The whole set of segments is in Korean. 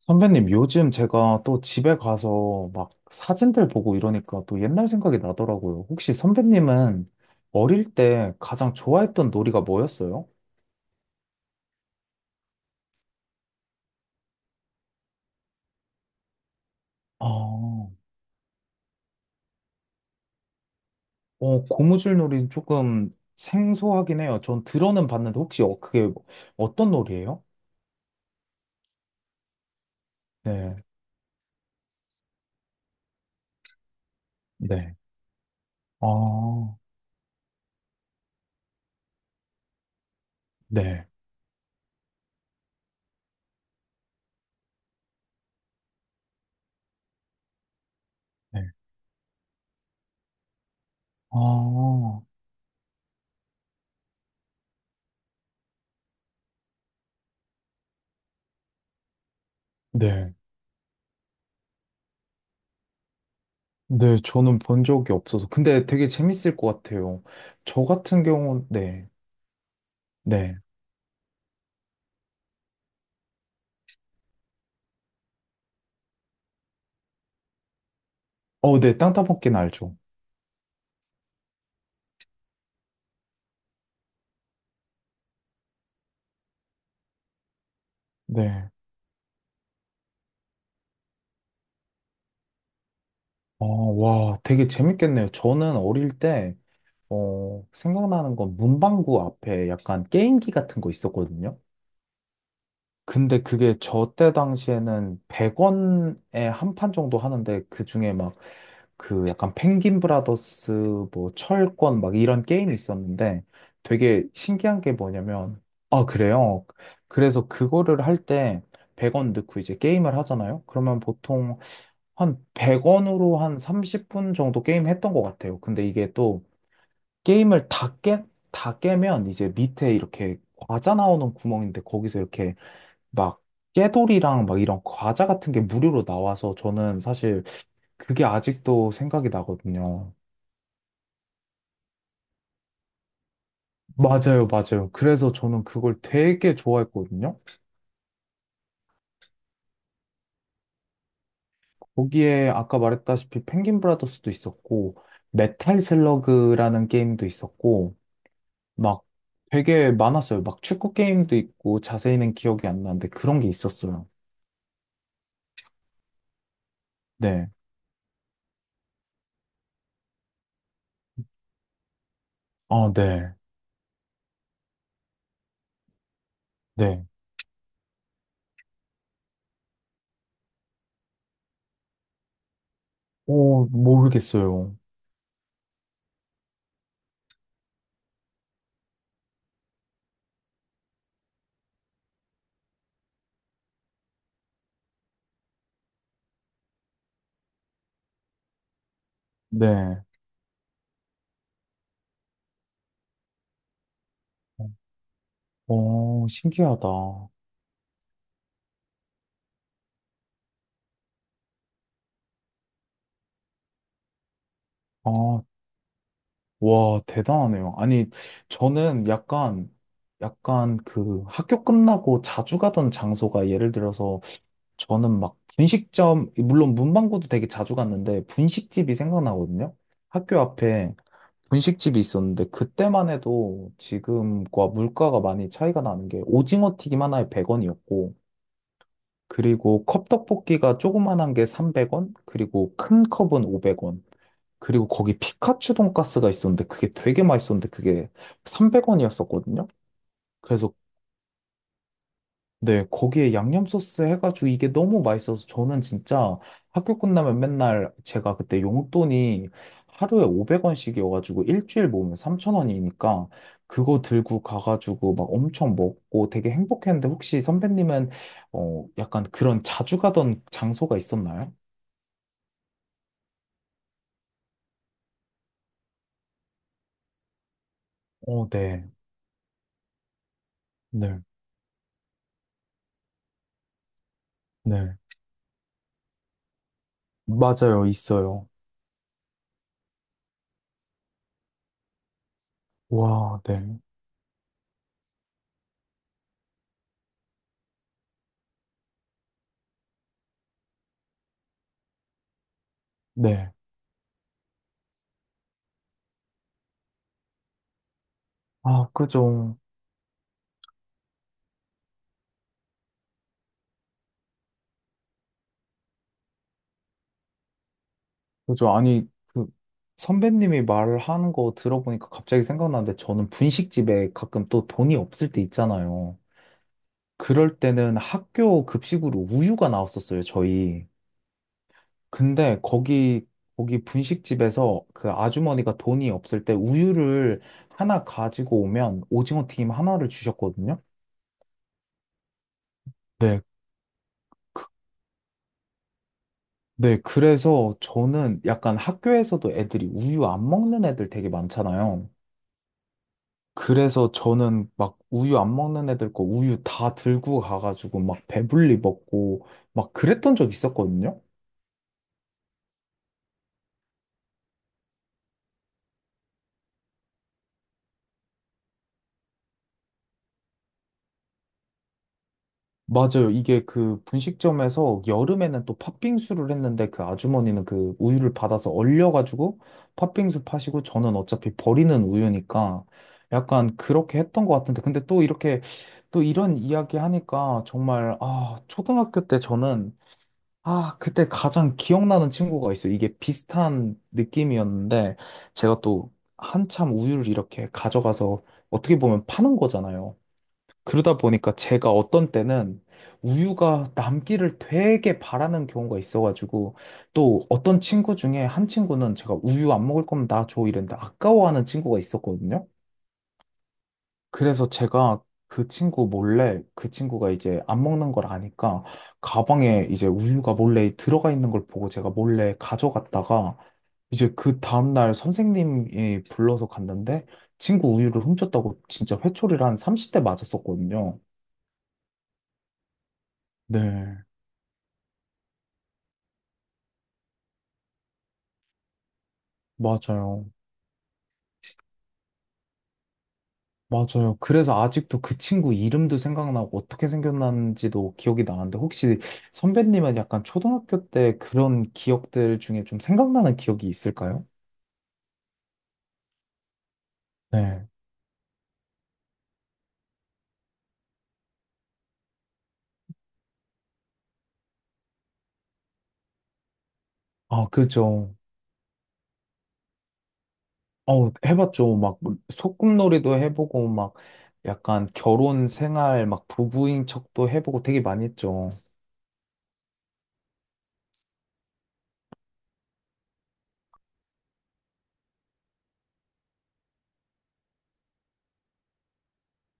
선배님, 요즘 제가 또 집에 가서 막 사진들 보고 이러니까 또 옛날 생각이 나더라고요. 혹시 선배님은 어릴 때 가장 좋아했던 놀이가 뭐였어요? 아, 어, 고무줄 놀이 조금 생소하긴 해요. 전 들어는 봤는데 혹시 그게 어떤 놀이예요? 네, 네. 아, 네, 네. 아, 네. 네, 저는 본 적이 없어서. 근데 되게 재밌을 것 같아요. 저 같은 경우, 네, 네. 어, 네, 땅따먹기는 알죠. 네. 어, 와, 되게 재밌겠네요. 저는 어릴 때, 어, 생각나는 건 문방구 앞에 약간 게임기 같은 거 있었거든요. 근데 그게 저 때 당시에는 100원에 한 판 정도 하는데, 그 중에 막, 그 약간 펭귄 브라더스, 뭐, 철권, 막 이런 게임이 있었는데, 되게 신기한 게 뭐냐면, 아, 그래요? 그래서 그거를 할 때, 100원 넣고 이제 게임을 하잖아요? 그러면 보통 한 100원으로 한 30분 정도 게임 했던 것 같아요. 근데 이게 또 게임을 다 깨면 이제 밑에 이렇게 과자 나오는 구멍인데 거기서 이렇게 막 깨돌이랑 막 이런 과자 같은 게 무료로 나와서 저는 사실 그게 아직도 생각이 나거든요. 맞아요, 맞아요. 그래서 저는 그걸 되게 좋아했거든요. 거기에 아까 말했다시피 펭귄 브라더스도 있었고, 메탈 슬러그라는 게임도 있었고, 막 되게 많았어요. 막 축구 게임도 있고 자세히는 기억이 안 나는데 그런 게 있었어요. 네. 아, 네. 네. 오, 모르겠어요. 네. 어, 신기하다. 아, 와, 대단하네요. 아니, 저는 약간, 약간 그 학교 끝나고 자주 가던 장소가 예를 들어서 저는 막 분식점, 물론 문방구도 되게 자주 갔는데 분식집이 생각나거든요. 학교 앞에. 분식집이 있었는데 그때만 해도 지금과 물가가 많이 차이가 나는 게 오징어 튀김 하나에 100원이었고 그리고 컵떡볶이가 조그만한 게 300원 그리고 큰 컵은 500원 그리고 거기 피카츄 돈가스가 있었는데 그게 되게 맛있었는데 그게 300원이었었거든요. 그래서 네, 거기에 양념 소스 해가지고 이게 너무 맛있어서 저는 진짜 학교 끝나면 맨날 제가 그때 용돈이 하루에 500원씩이어가지고 일주일 모으면 3,000원이니까 그거 들고 가가지고 막 엄청 먹고 되게 행복했는데 혹시 선배님은 약간 그런 자주 가던 장소가 있었나요? 어, 네, 네, 네. 맞아요, 있어요. 와, 네, 네. 아, 그죠. 그죠. 아니, 그 선배님이 말하는 거 들어보니까 갑자기 생각나는데 저는 분식집에 가끔 또 돈이 없을 때 있잖아요. 그럴 때는 학교 급식으로 우유가 나왔었어요, 저희. 근데 거기 분식집에서 그 아주머니가 돈이 없을 때 우유를 하나 가지고 오면 오징어 튀김 하나를 주셨거든요. 네. 네, 그래서 저는 약간 학교에서도 애들이 우유 안 먹는 애들 되게 많잖아요. 그래서 저는 막 우유 안 먹는 애들 거 우유 다 들고 가가지고 막 배불리 먹고 막 그랬던 적 있었거든요. 맞아요. 이게 그 분식점에서 여름에는 또 팥빙수를 했는데 그 아주머니는 그 우유를 받아서 얼려가지고 팥빙수 파시고 저는 어차피 버리는 우유니까 약간 그렇게 했던 것 같은데 근데 또 이렇게 또 이런 이야기 하니까 정말 아 초등학교 때 저는 아, 그때 가장 기억나는 친구가 있어요. 이게 비슷한 느낌이었는데, 제가 또 한참 우유를 이렇게 가져가서 어떻게 보면 파는 거잖아요. 그러다 보니까 제가 어떤 때는 우유가 남기를 되게 바라는 경우가 있어가지고, 또 어떤 친구 중에 한 친구는 제가 우유 안 먹을 거면 나 줘 이랬는데 아까워하는 친구가 있었거든요. 그래서 제가 그 친구 몰래 그 친구가 이제 안 먹는 걸 아니까 가방에 이제 우유가 몰래 들어가 있는 걸 보고 제가 몰래 가져갔다가 이제 그 다음날 선생님이 불러서 갔는데 친구 우유를 훔쳤다고 진짜 회초리를 한 30대 맞았었거든요. 네, 맞아요. 맞아요. 그래서 아직도 그 친구 이름도 생각나고 어떻게 생겼는지도 기억이 나는데 혹시 선배님은 약간 초등학교 때 그런 기억들 중에 좀 생각나는 기억이 있을까요? 네. 아, 그죠. 어, 해봤죠. 막, 소꿉놀이도 해보고, 막, 약간 결혼 생활, 막, 부부인 척도 해보고 되게 많이 했죠.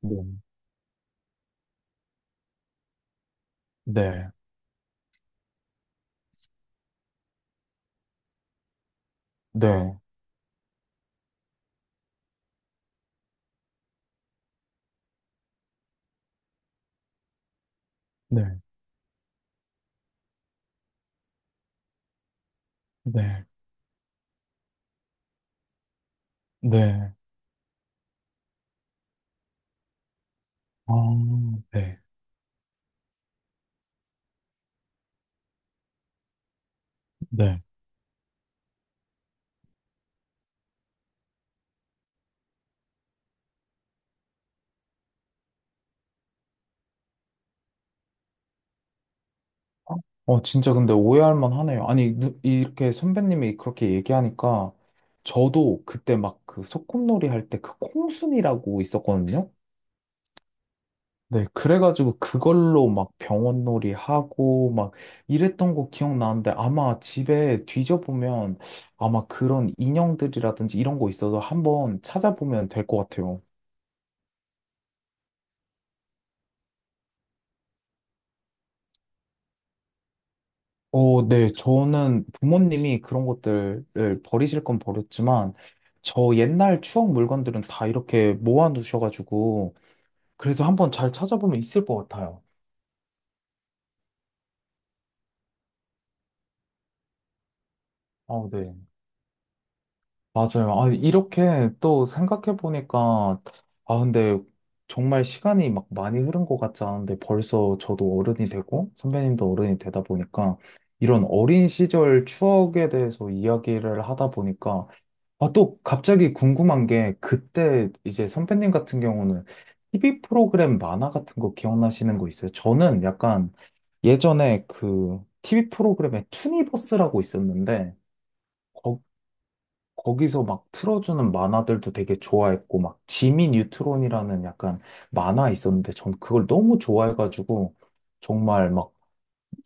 네. 네. 네. 네. 네. 네. 아, 네. 네. 어, 진짜 근데 오해할 만 하네요. 아니, 이렇게 선배님이 그렇게 얘기하니까, 저도 그때 막 그 소꿉놀이 할 때 그 콩순이라고 있었거든요. 네, 그래가지고 그걸로 막 병원놀이 하고 막 이랬던 거 기억나는데 아마 집에 뒤져보면 아마 그런 인형들이라든지 이런 거 있어서 한번 찾아보면 될 것 같아요. 어, 네, 저는 부모님이 그런 것들을 버리실 건 버렸지만 저 옛날 추억 물건들은 다 이렇게 모아놓으셔가지고 그래서 한번 잘 찾아보면 있을 것 같아요. 아, 네. 맞아요. 아, 이렇게 또 생각해보니까, 아, 근데 정말 시간이 막 많이 흐른 것 같지 않은데 벌써 저도 어른이 되고 선배님도 어른이 되다 보니까 이런 어린 시절 추억에 대해서 이야기를 하다 보니까 아, 또 갑자기 궁금한 게 그때 이제 선배님 같은 경우는 TV 프로그램 만화 같은 거 기억나시는 거 있어요? 저는 약간 예전에 그 TV 프로그램에 투니버스라고 있었는데 거기서 막 틀어주는 만화들도 되게 좋아했고, 막 지미 뉴트론이라는 약간 만화 있었는데, 전 그걸 너무 좋아해가지고, 정말 막,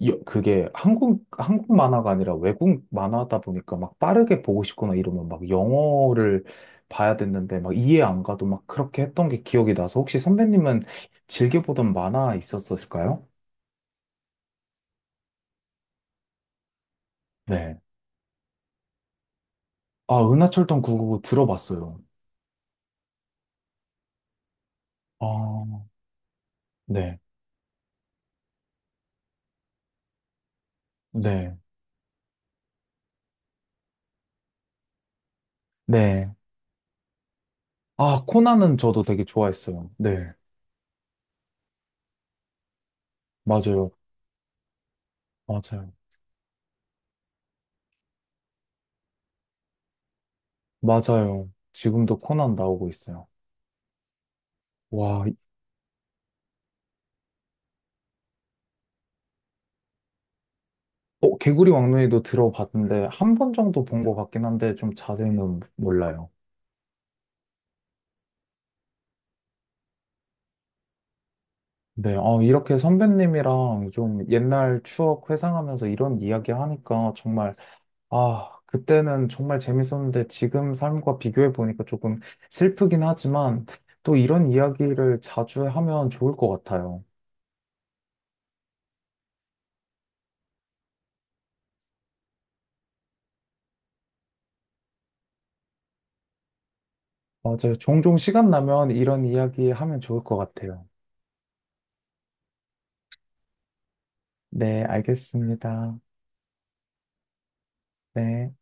그게 한국, 한국 만화가 아니라 외국 만화다 보니까 막 빠르게 보고 싶거나 이러면 막 영어를 봐야 됐는데, 막 이해 안 가도 막 그렇게 했던 게 기억이 나서, 혹시 선배님은 즐겨보던 만화 있었을까요? 네. 아, 은하철도 999 들어봤어요. 아, 네. 네. 네. 아, 코난은 저도 되게 좋아했어요. 네. 맞아요. 맞아요. 맞아요. 지금도 코난 나오고 있어요. 와, 이- 어, 개구리 왕눈이도 들어봤는데, 한 번 정도 본 것 같긴 한데, 좀 자세히는 몰라요. 네. 어, 이렇게 선배님이랑 좀 옛날 추억 회상하면서 이런 이야기 하니까 정말, 아, 그때는 정말 재밌었는데, 지금 삶과 비교해보니까 조금 슬프긴 하지만, 또 이런 이야기를 자주 하면 좋을 것 같아요. 맞아요. 종종 시간 나면 이런 이야기 하면 좋을 것 같아요. 네, 알겠습니다. 네.